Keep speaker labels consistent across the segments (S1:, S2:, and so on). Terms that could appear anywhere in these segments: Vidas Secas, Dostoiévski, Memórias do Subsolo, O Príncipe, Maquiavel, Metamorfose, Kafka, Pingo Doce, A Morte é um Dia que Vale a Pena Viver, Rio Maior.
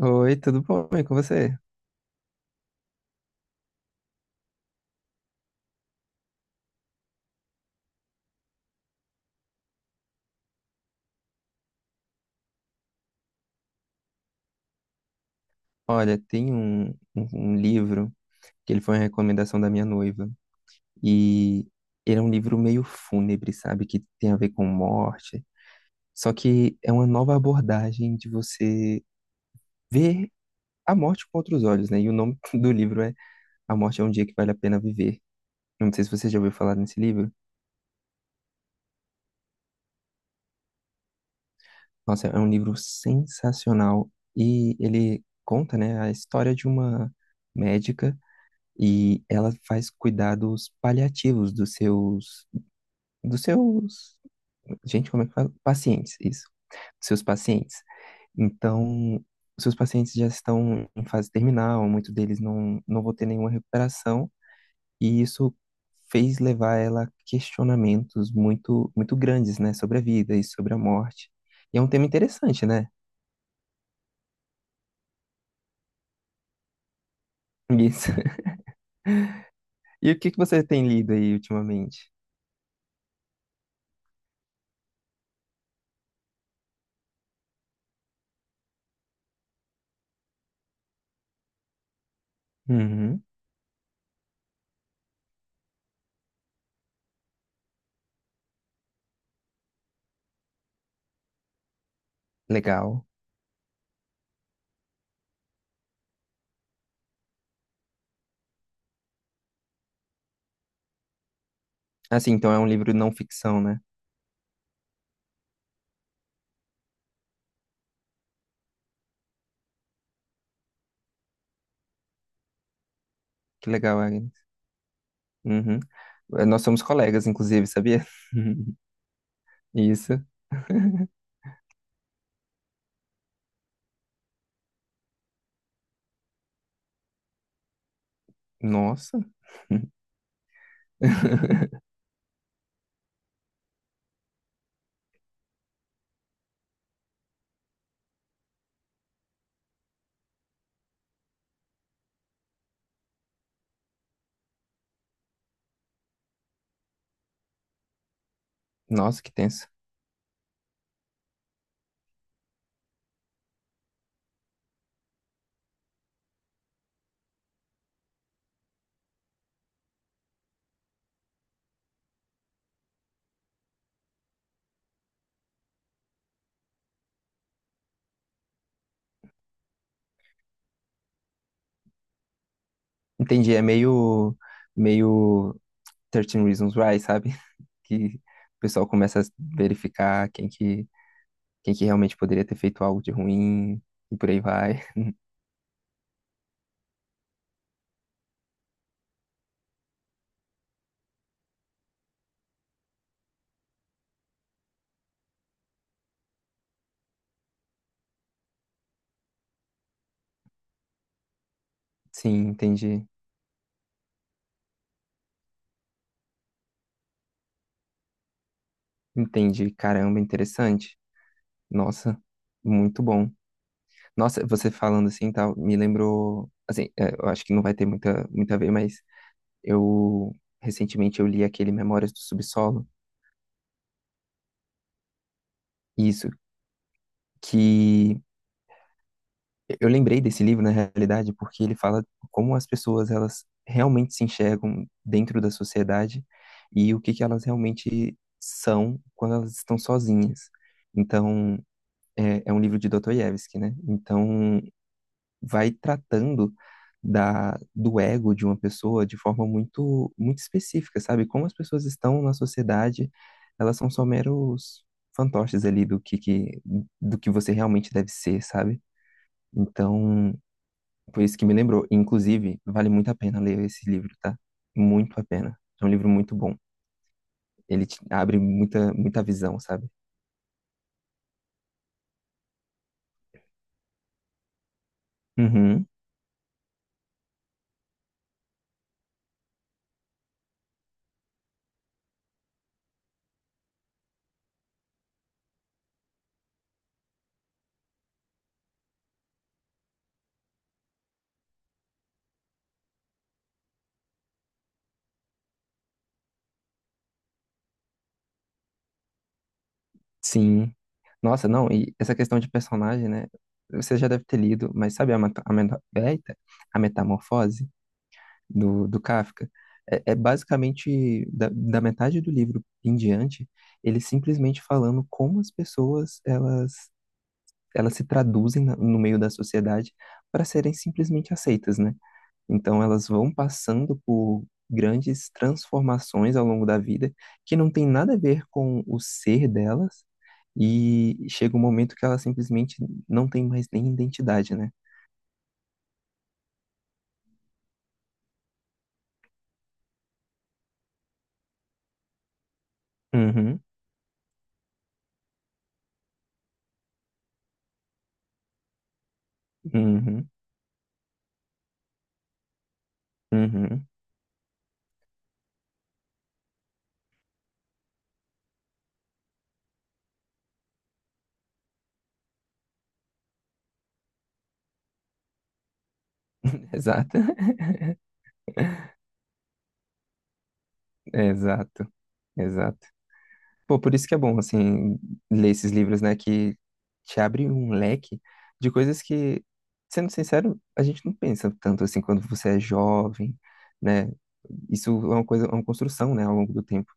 S1: Oi, tudo bom? E com você? Olha, tem um livro que ele foi uma recomendação da minha noiva. E ele é um livro meio fúnebre, sabe? Que tem a ver com morte. Só que é uma nova abordagem de você ver a morte com outros olhos, né? E o nome do livro é A Morte é um Dia que Vale a Pena Viver. Eu não sei se você já ouviu falar nesse livro. Nossa, é um livro sensacional. E ele conta, né, a história de uma médica e ela faz cuidados paliativos dos seus, dos seus, gente, como é que fala? Pacientes, isso, dos seus pacientes. Então, os seus pacientes já estão em fase terminal, muitos deles não vão ter nenhuma recuperação, e isso fez levar ela a questionamentos muito, muito grandes, né, sobre a vida e sobre a morte. E é um tema interessante, né? Isso. E o que que você tem lido aí ultimamente? Uhum, legal. Assim, então é um livro não ficção, né? Que legal, Agnes. Uhum. Nós somos colegas, inclusive, sabia? Isso. Nossa. Nossa, que tenso. Entendi, é meio Thirteen Reasons Why, sabe? Que o pessoal começa a verificar quem que realmente poderia ter feito algo de ruim e por aí vai. Sim, entendi. Entendi. Caramba, interessante. Nossa, muito bom. Nossa, você falando assim, tal, me lembrou, assim, é, eu acho que não vai ter muita, muita a ver, mas Eu recentemente eu li aquele Memórias do Subsolo, isso que eu lembrei desse livro na realidade porque ele fala como as pessoas elas realmente se enxergam dentro da sociedade e o que que elas realmente são quando elas estão sozinhas. Então, é um livro de Dostoiévski, né? Então, vai tratando da, do ego de uma pessoa de forma muito, muito específica, sabe? Como as pessoas estão na sociedade, elas são só meros fantoches ali do que você realmente deve ser, sabe? Então, foi isso que me lembrou. Inclusive, vale muito a pena ler esse livro, tá? Muito a pena. É um livro muito bom. Ele te abre muita, muita visão, sabe? Uhum. Sim. Nossa, não, e essa questão de personagem, né? Você já deve ter lido, mas sabe a metamorfose do Kafka? É, é basicamente da metade do livro em diante, ele simplesmente falando como as pessoas elas se traduzem no meio da sociedade para serem simplesmente aceitas, né? Então, elas vão passando por grandes transformações ao longo da vida que não tem nada a ver com o ser delas e chega um momento que elas simplesmente não tem mais nem identidade, né? Uhum, uhum, uhum. Exato, exato, exato. Pô, por isso que é bom, assim, ler esses livros, né, que te abre um leque de coisas que, sendo sincero, a gente não pensa tanto, assim, quando você é jovem, né? Isso é uma coisa, é uma construção, né, ao longo do tempo.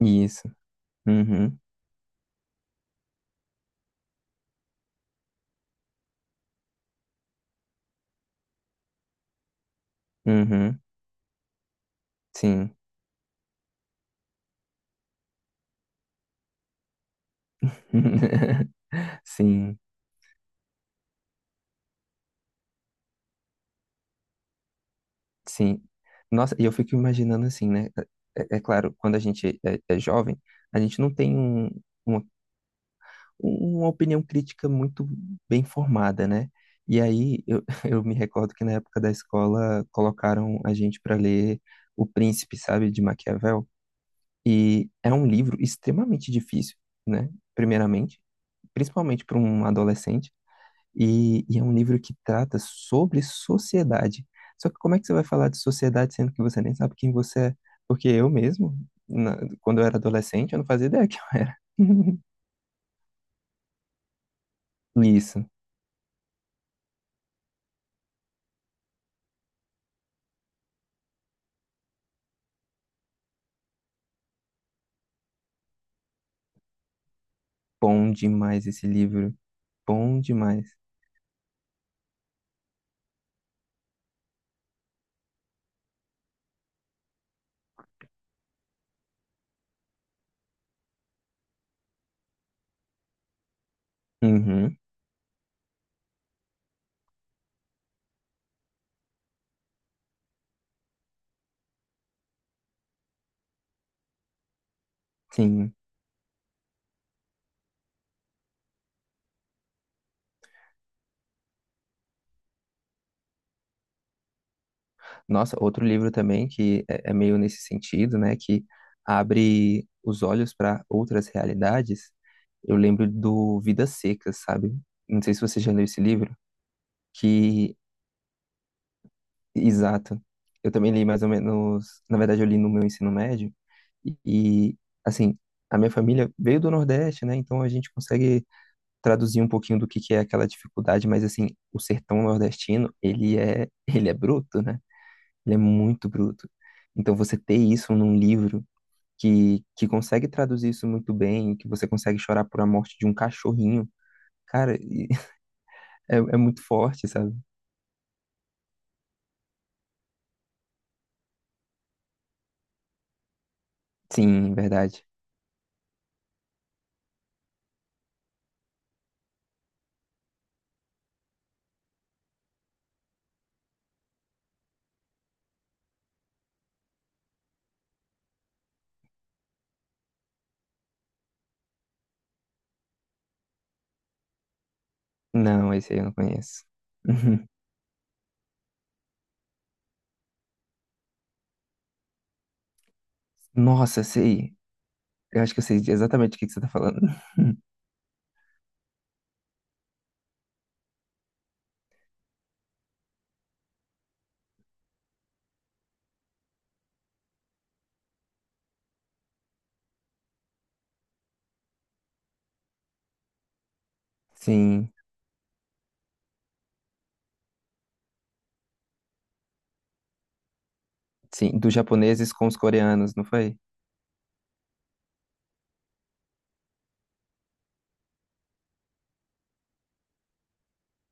S1: Isso. Uhum, uhum, sim. Sim, sim. Nossa, e eu fico imaginando assim, né? É, é, claro, quando a gente é jovem, a gente não tem um, uma uma opinião crítica muito bem formada, né? E aí eu, eu me recordo que na época da escola colocaram a gente para ler O Príncipe, sabe, de Maquiavel, e é um livro extremamente difícil, né? Primeiramente, principalmente para um adolescente, e é um livro que trata sobre sociedade. Só que como é que você vai falar de sociedade sendo que você nem sabe quem você é? Porque eu mesmo, quando eu era adolescente, eu não fazia ideia que eu era. Isso. Bom demais esse livro. Bom demais. Uhum, sim. Nossa, outro livro também que é meio nesse sentido, né? Que abre os olhos para outras realidades. Eu lembro do Vidas Secas, sabe? Não sei se você já leu esse livro. Que, exato. Eu também li mais ou menos. Na verdade, eu li no meu ensino médio. E, assim, a minha família veio do Nordeste, né? Então a gente consegue traduzir um pouquinho do que é aquela dificuldade, mas assim, o sertão nordestino, ele é, ele é bruto, né? Ele é muito bruto. Então você ter isso num livro que consegue traduzir isso muito bem, que você consegue chorar por a morte de um cachorrinho, cara, e- é, é muito forte, sabe? Sim, verdade. Não, esse aí eu não conheço. Uhum. Nossa, sei. Eu acho que eu sei exatamente o que que você tá falando. Sim, sim, dos japoneses com os coreanos, não foi?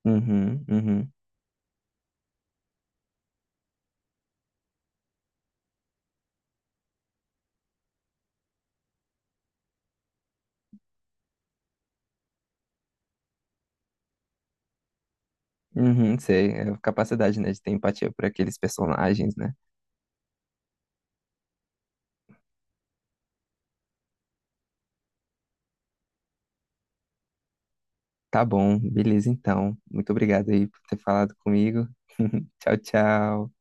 S1: Uhum, uhum. Uhum, sei, é a capacidade, né, de ter empatia por aqueles personagens, né? Tá bom, beleza então. Muito obrigado aí por ter falado comigo. Tchau, tchau.